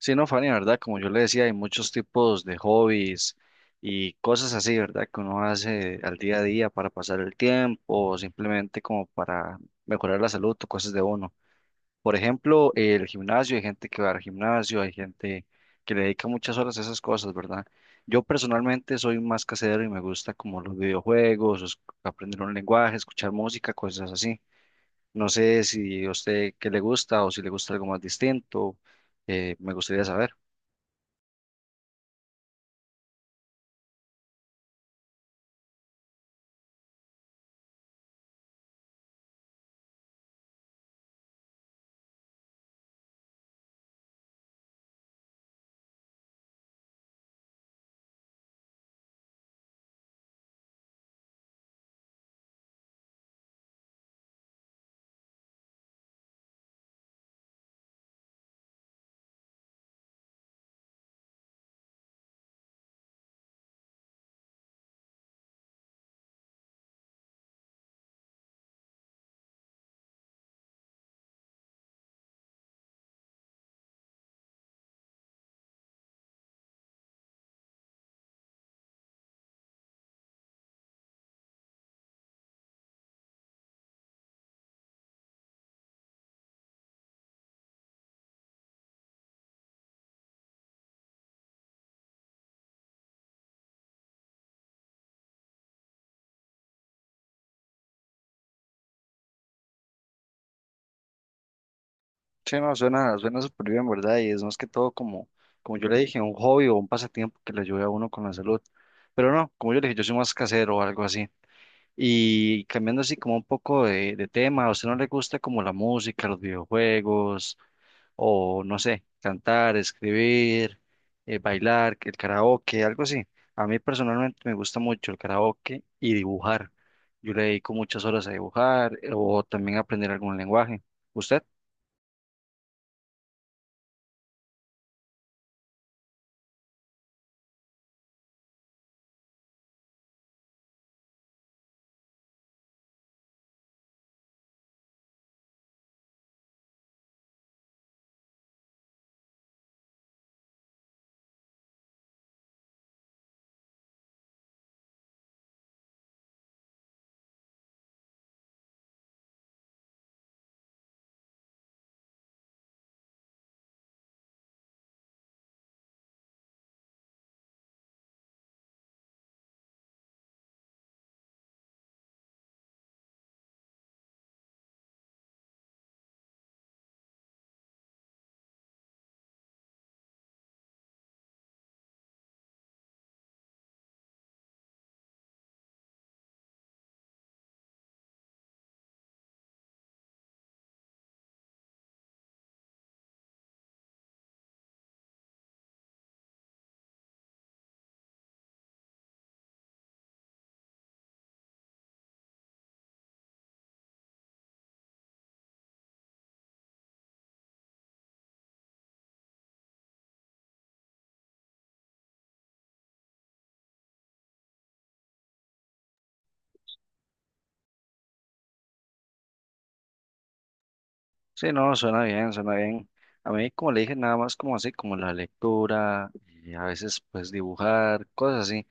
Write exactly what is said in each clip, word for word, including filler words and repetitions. Sí, no, Fanny, ¿verdad? Como yo le decía, hay muchos tipos de hobbies y cosas así, ¿verdad? Que uno hace al día a día para pasar el tiempo o simplemente como para mejorar la salud o cosas de uno. Por ejemplo, el gimnasio, hay gente que va al gimnasio, hay gente que le dedica muchas horas a esas cosas, ¿verdad? Yo personalmente soy más casero y me gusta como los videojuegos, os- aprender un lenguaje, escuchar música, cosas así. No sé si a usted qué le gusta o si le gusta algo más distinto, eh, me gustaría saber. Sí, no, suena, suena súper bien, ¿verdad? Y es más que todo como, como yo le dije, un hobby o un pasatiempo que le ayude a uno con la salud. Pero no, como yo le dije, yo soy más casero o algo así. Y cambiando así como un poco de, de tema, ¿a usted no le gusta como la música, los videojuegos o no sé, cantar, escribir, eh, bailar, el karaoke, algo así? A mí personalmente me gusta mucho el karaoke y dibujar. Yo le dedico muchas horas a dibujar eh, o también a aprender algún lenguaje. ¿Usted? Sí, no, suena bien, suena bien. A mí, como le dije, nada más como así, como la lectura, y a veces pues dibujar, cosas así,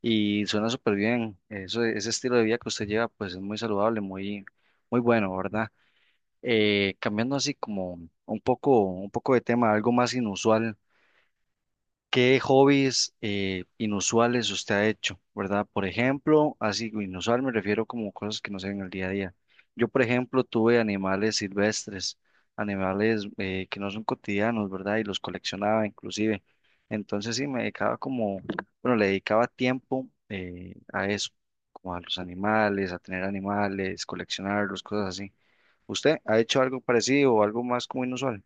y suena súper bien. Eso, ese estilo de vida que usted lleva, pues es muy saludable, muy, muy bueno, ¿verdad? Eh, cambiando así como un poco, un poco de tema, algo más inusual. ¿Qué hobbies eh, inusuales usted ha hecho, verdad? Por ejemplo, así inusual me refiero como cosas que no se ven en el día a día. Yo, por ejemplo, tuve animales silvestres, animales eh, que no son cotidianos, ¿verdad? Y los coleccionaba inclusive. Entonces sí, me dedicaba como, bueno, le dedicaba tiempo eh, a eso, como a los animales, a tener animales, coleccionarlos, cosas así. ¿Usted ha hecho algo parecido o algo más como inusual?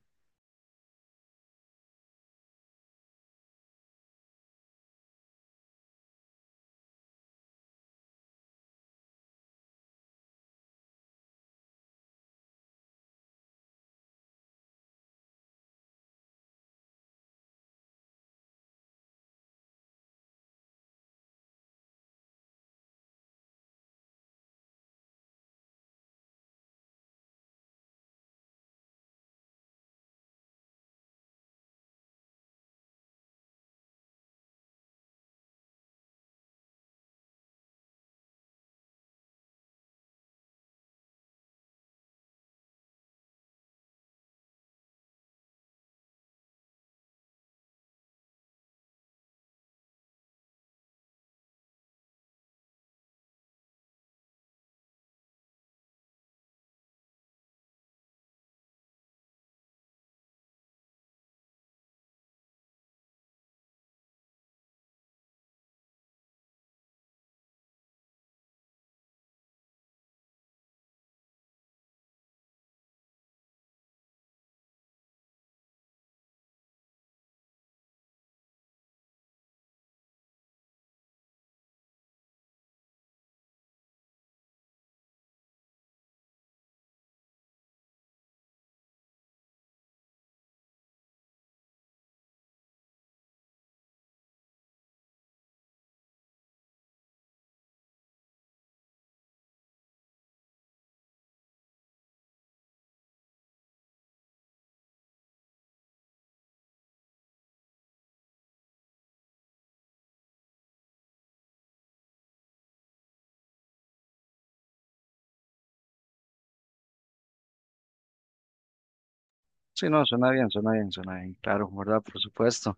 Sí, no, suena bien, suena bien, suena bien, claro, ¿verdad? Por supuesto.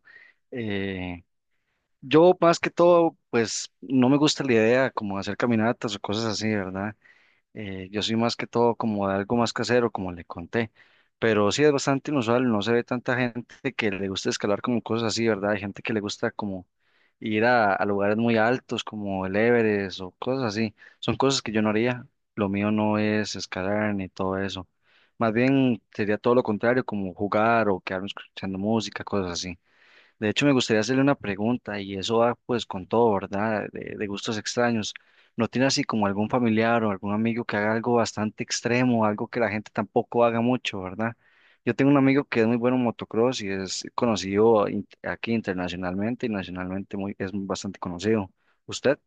Eh, yo más que todo, pues no me gusta la idea como de hacer caminatas o cosas así, ¿verdad? Eh, yo soy más que todo como de algo más casero, como le conté, pero sí es bastante inusual, no se ve tanta gente que le gusta escalar como cosas así, ¿verdad? Hay gente que le gusta como ir a, a lugares muy altos como el Everest o cosas así. Son cosas que yo no haría, lo mío no es escalar ni todo eso. Más bien sería todo lo contrario, como jugar o quedarme escuchando música, cosas así. De hecho, me gustaría hacerle una pregunta y eso va pues con todo, ¿verdad? De, de gustos extraños. ¿No tiene así como algún familiar o algún amigo que haga algo bastante extremo, algo que la gente tampoco haga mucho, ¿verdad? Yo tengo un amigo que es muy bueno en motocross y es conocido in- aquí internacionalmente y nacionalmente muy, es bastante conocido. ¿Usted?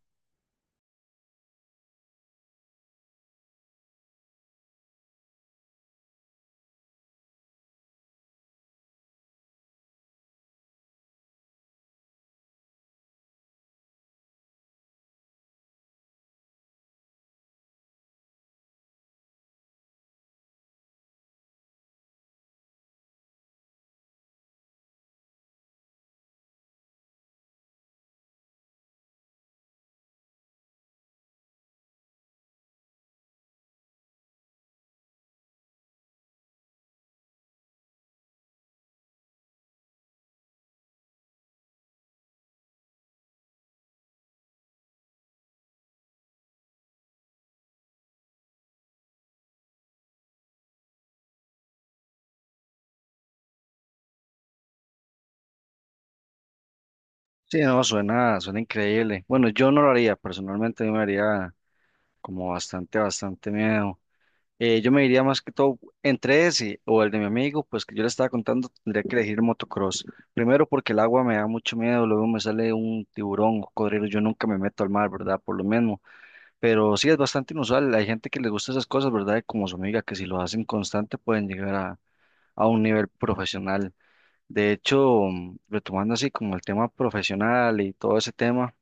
Sí, no, suena, suena increíble. Bueno, yo no lo haría, personalmente a mí me haría como bastante, bastante miedo. Eh, yo me diría más que todo entre ese o el de mi amigo, pues que yo le estaba contando, tendría que elegir motocross. Primero porque el agua me da mucho miedo, luego me sale un tiburón, un cocodrilo, yo nunca me meto al mar, ¿verdad? Por lo mismo. Pero sí es bastante inusual, hay gente que le gusta esas cosas, ¿verdad? Como su amiga, que si lo hacen constante pueden llegar a, a un nivel profesional. De hecho, mm, retomando así como el tema profesional y todo ese tema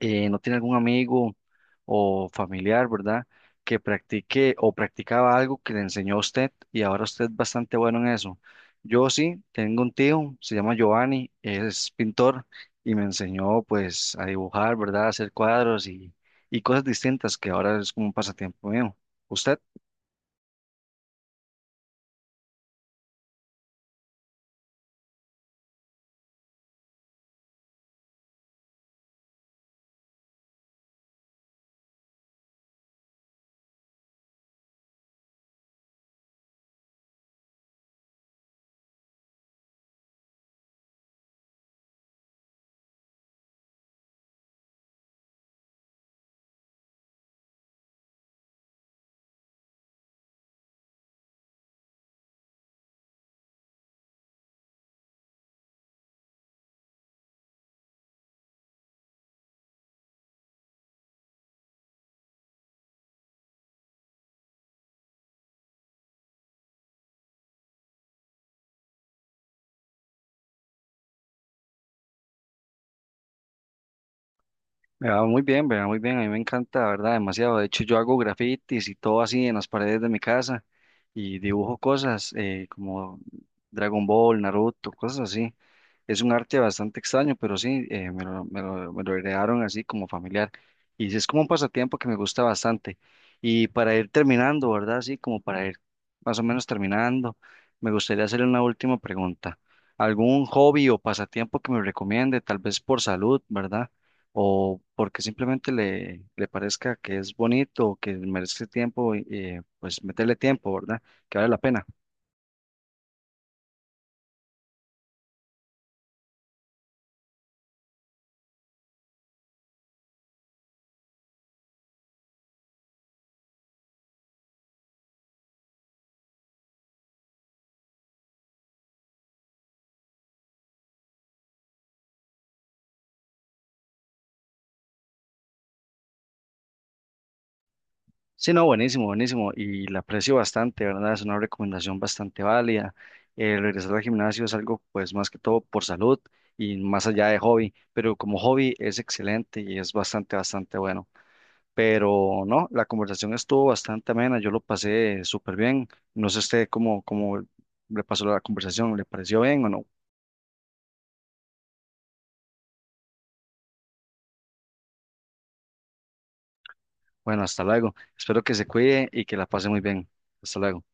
eh, no tiene algún amigo o familiar, ¿verdad? Que practique o practicaba algo que le enseñó a usted y ahora usted es bastante bueno en eso. Yo sí, tengo un tío, se llama Giovanni, es pintor y me enseñó pues a dibujar, ¿verdad? A hacer cuadros y, y cosas distintas que ahora es como un pasatiempo mío. Usted me va muy bien, me va muy bien, a mí me encanta, ¿verdad? Demasiado. De hecho, yo hago grafitis y todo así en las paredes de mi casa. Y dibujo cosas eh, como Dragon Ball, Naruto, cosas así. Es un arte bastante extraño, pero sí, eh, me lo, me lo- me lo heredaron así como familiar. Y sí, es como un pasatiempo que me gusta bastante. Y para ir terminando, ¿verdad? Así como para ir más o menos terminando, me gustaría hacerle una última pregunta. ¿Algún hobby o pasatiempo que me recomiende, tal vez por salud, ¿verdad? O porque simplemente le, le parezca que es bonito, que merece tiempo, eh, pues meterle tiempo, ¿verdad? Que vale la pena. Sí, no, buenísimo, buenísimo. Y la aprecio bastante, ¿verdad? Es una recomendación bastante válida. Eh, regresar al gimnasio es algo, pues, más que todo por salud y más allá de hobby. Pero como hobby es excelente y es bastante, bastante bueno. Pero no, la conversación estuvo bastante amena. Yo lo pasé súper bien. No sé usted cómo, cómo le pasó la conversación. ¿Le pareció bien o no? Bueno, hasta luego. Espero que se cuide y que la pase muy bien. Hasta luego.